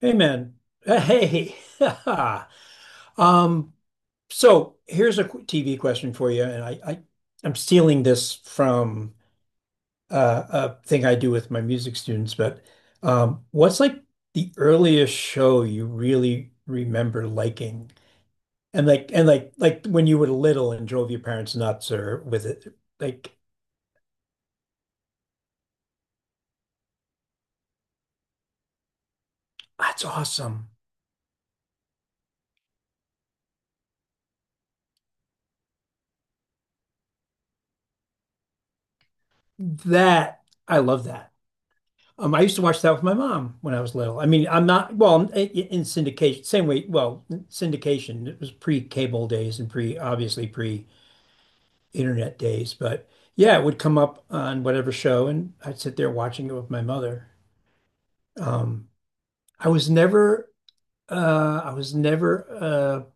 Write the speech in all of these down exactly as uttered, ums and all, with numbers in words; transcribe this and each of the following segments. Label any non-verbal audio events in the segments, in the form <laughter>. Hey man. Uh, Hey. <laughs> Um, so here's a qu- T V question for you, and I, I I'm stealing this from uh, a thing I do with my music students, but um, what's like the earliest show you really remember liking? And like and like like when you were little and drove your parents nuts or with it like that's awesome. That I love that. Um, I used to watch that with my mom when I was little. I mean, I'm not, well, in, in syndication, same way, well, syndication, it was pre-cable days and pre, obviously pre-internet days, but yeah, it would come up on whatever show and I'd sit there watching it with my mother. Um, I was never, uh, I was never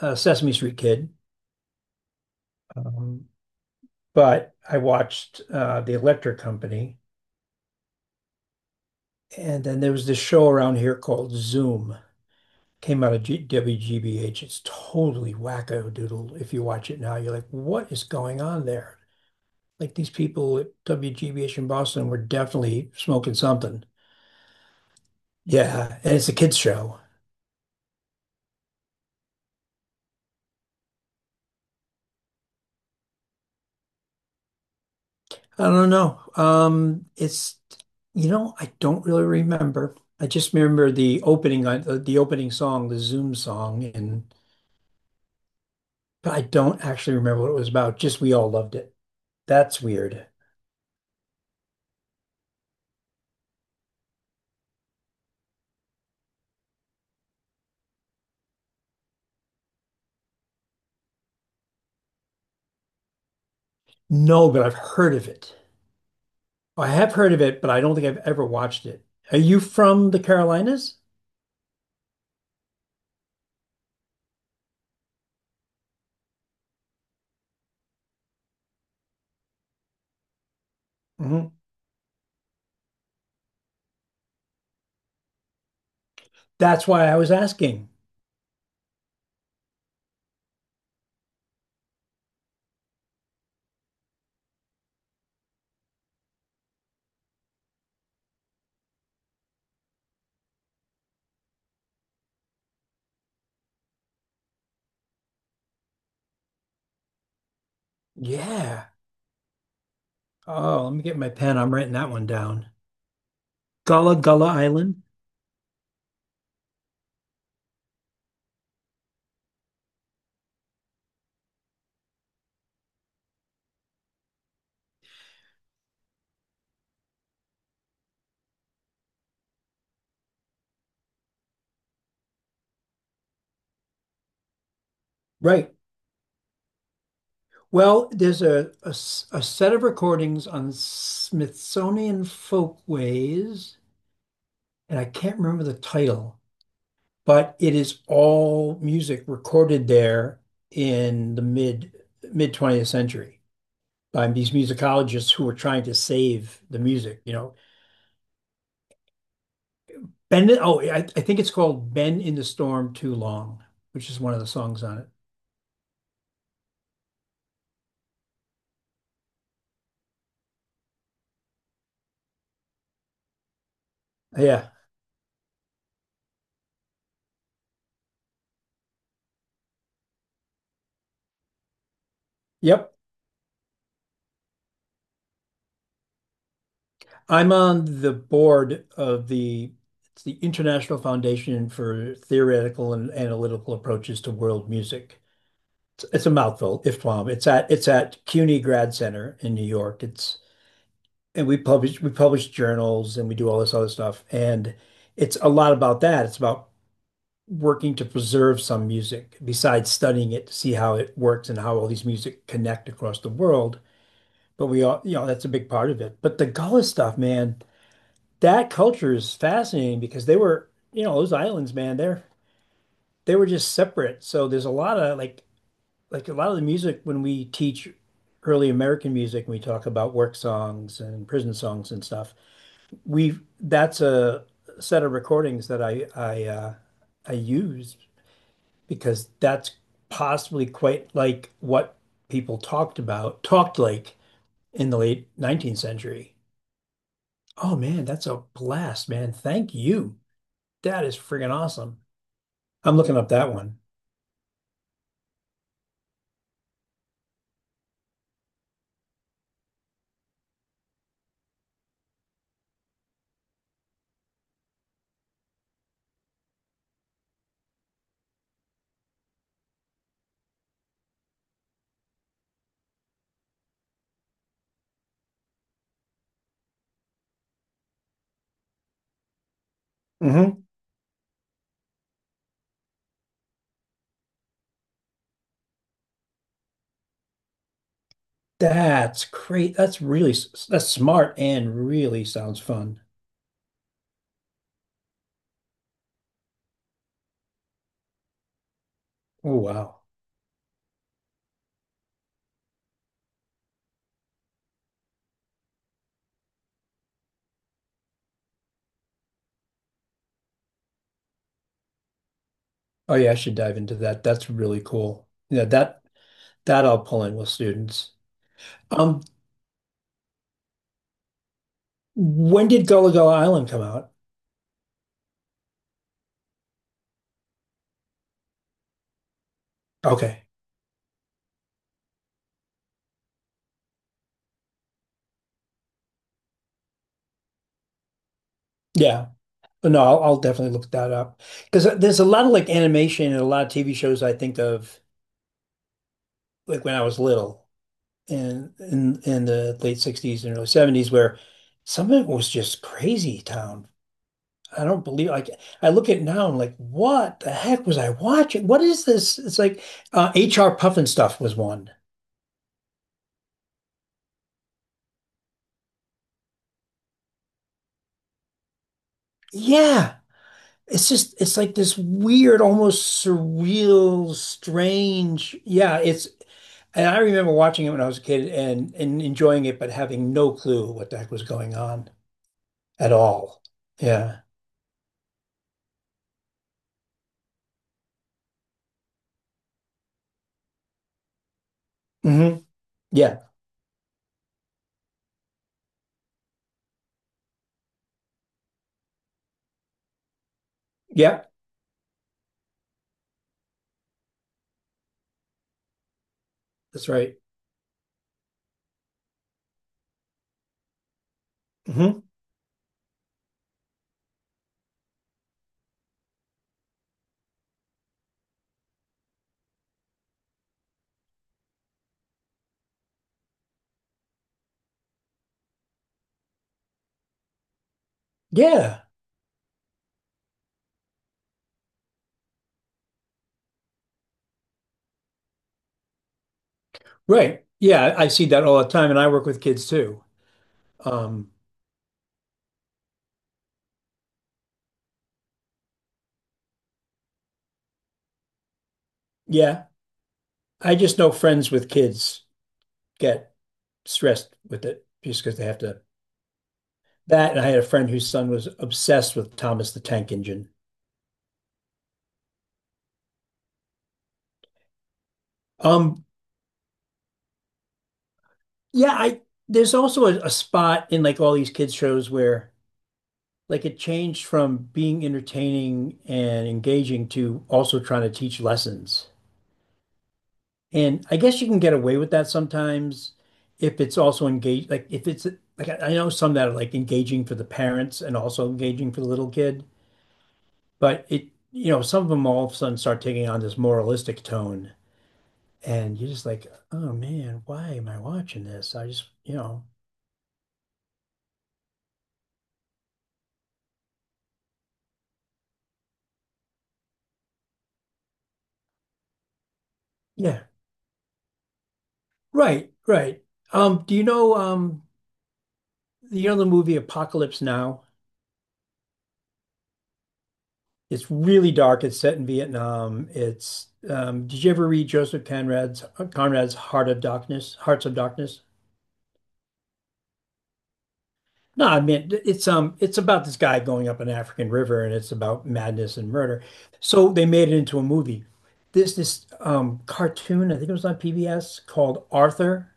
uh, a Sesame Street kid, um, but I watched uh, The Electric Company. And then there was this show around here called Zoom. Came out of G W G B H. It's totally wacko doodle. If you watch it now, you're like, what is going on there? Like these people at W G B H in Boston were definitely smoking something. Yeah, and it's a kids show. I don't know. Um, it's You know, I don't really remember. I just remember the opening on the, the opening song, the Zoom song, and but I don't actually remember what it was about. Just we all loved it. That's weird. No, but I've heard of it. I have heard of it, but I don't think I've ever watched it. Are you from the Carolinas? Hmm. That's why I was asking. Yeah. Oh, let me get my pen. I'm writing that one down. Gullah Gullah Island. Right. Well, there's a, a s- a set of recordings on Smithsonian Folkways, and I can't remember the title, but it is all music recorded there in the mid mid twentieth century, by these musicologists who were trying to save the music, you know. Ben, oh, I, I think it's called Been in the Storm Too Long, which is one of the songs on it. Yeah. Yep. I'm on the board of the it's the International Foundation for Theoretical and Analytical Approaches to World Music. It's, it's a mouthful, IFTWAM. It's at it's at CUNY Grad Center in New York. It's and we publish we publish journals and we do all this other stuff. And it's a lot about that. It's about working to preserve some music besides studying it to see how it works and how all these music connect across the world. But we all, you know, that's a big part of it. But the Gullah stuff, man, that culture is fascinating because they were, you know, those islands, man, they're they were just separate. So there's a lot of like like a lot of the music when we teach early American music, when we talk about work songs and prison songs and stuff, we that's a set of recordings that I I uh I used because that's possibly quite like what people talked about, talked like in the late nineteenth century. Oh man, that's a blast, man. Thank you. That is friggin' awesome. I'm looking up that one. Mm-hmm. That's great. That's really that's smart and really sounds fun. Oh wow. Oh yeah, I should dive into that. That's really cool. Yeah, that that I'll pull in with students. Um, when did Gullah Gullah Island come out? Okay. Yeah. But no, I'll, I'll definitely look that up because there's a lot of like animation and a lot of T V shows I think of like when I was little and in in the late sixties and early seventies where some of it was just crazy town. I don't believe like I look at it now and I'm like, what the heck was I watching? What is this? It's like uh, H R. Puffin stuff was one. Yeah. It's just it's like this weird, almost surreal, strange. Yeah, it's and I remember watching it when I was a kid and, and enjoying it, but having no clue what the heck was going on at all. Yeah. Hmm. Yeah. Yeah. That's right. Hmm. Yeah. Right. Yeah. I see that all the time. And I work with kids too. Um, yeah. I just know friends with kids get stressed with it just because they have to. That. And I had a friend whose son was obsessed with Thomas the Tank Engine. Um, yeah. I, there's also a, a spot in like all these kids shows where like it changed from being entertaining and engaging to also trying to teach lessons. And I guess you can get away with that sometimes if it's also engaged, like if it's like I I know some that are like engaging for the parents and also engaging for the little kid, but it, you know, some of them all of a sudden start taking on this moralistic tone. And you're just like, oh man, why am I watching this? I just, you know, yeah, right, right. Um, do you know, um, you know the movie Apocalypse Now? It's really dark. It's set in Vietnam. It's um, did you ever read Joseph Conrad's uh, Conrad's Heart of Darkness, Hearts of Darkness? No, I mean it's um it's about this guy going up an African river and it's about madness and murder. So they made it into a movie. This this um cartoon, I think it was on P B S called Arthur.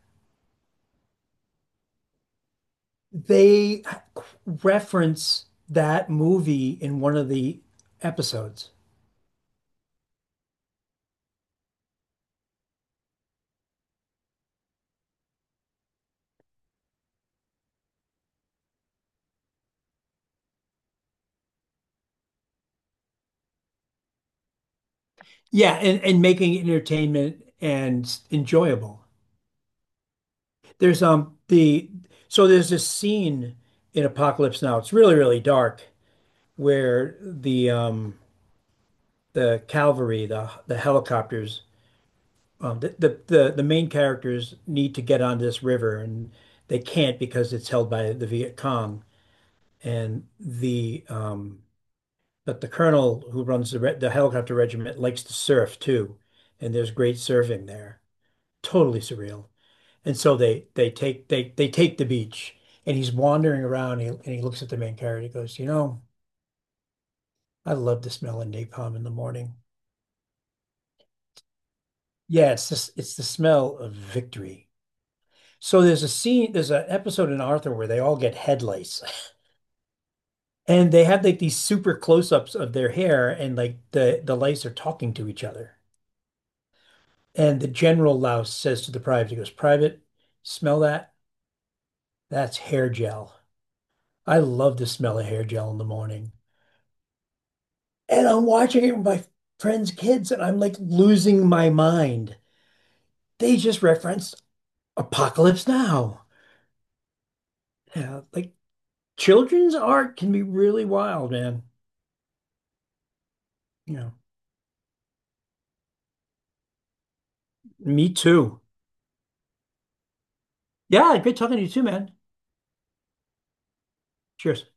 They reference that movie in one of the episodes. Yeah, and, and making it entertainment and enjoyable. There's um the so There's this scene in Apocalypse Now. It's really, really dark where the um the cavalry, the the helicopters, um the the the, the main characters need to get onto this river and they can't because it's held by the Viet Cong. And the um but the colonel who runs the re the helicopter regiment likes to surf too, and there's great surfing there. Totally surreal. And so they they take they they take the beach, and he's wandering around. And he, and he looks at the main character. He goes, "You know, I love the smell of napalm in the morning. Yeah, it's this it's the smell of victory." So there's a scene, there's an episode in Arthur where they all get head lice, <laughs> and they have like these super close-ups of their hair, and like the the lice are talking to each other. And the general louse says to the private, he goes, "Private, smell that? That's hair gel. I love the smell of hair gel in the morning." And I'm watching it with my friends' kids, and I'm like losing my mind. They just referenced Apocalypse Now. Yeah, like children's art can be really wild, man. You know, me too. Yeah, great talking to you too, man. Cheers.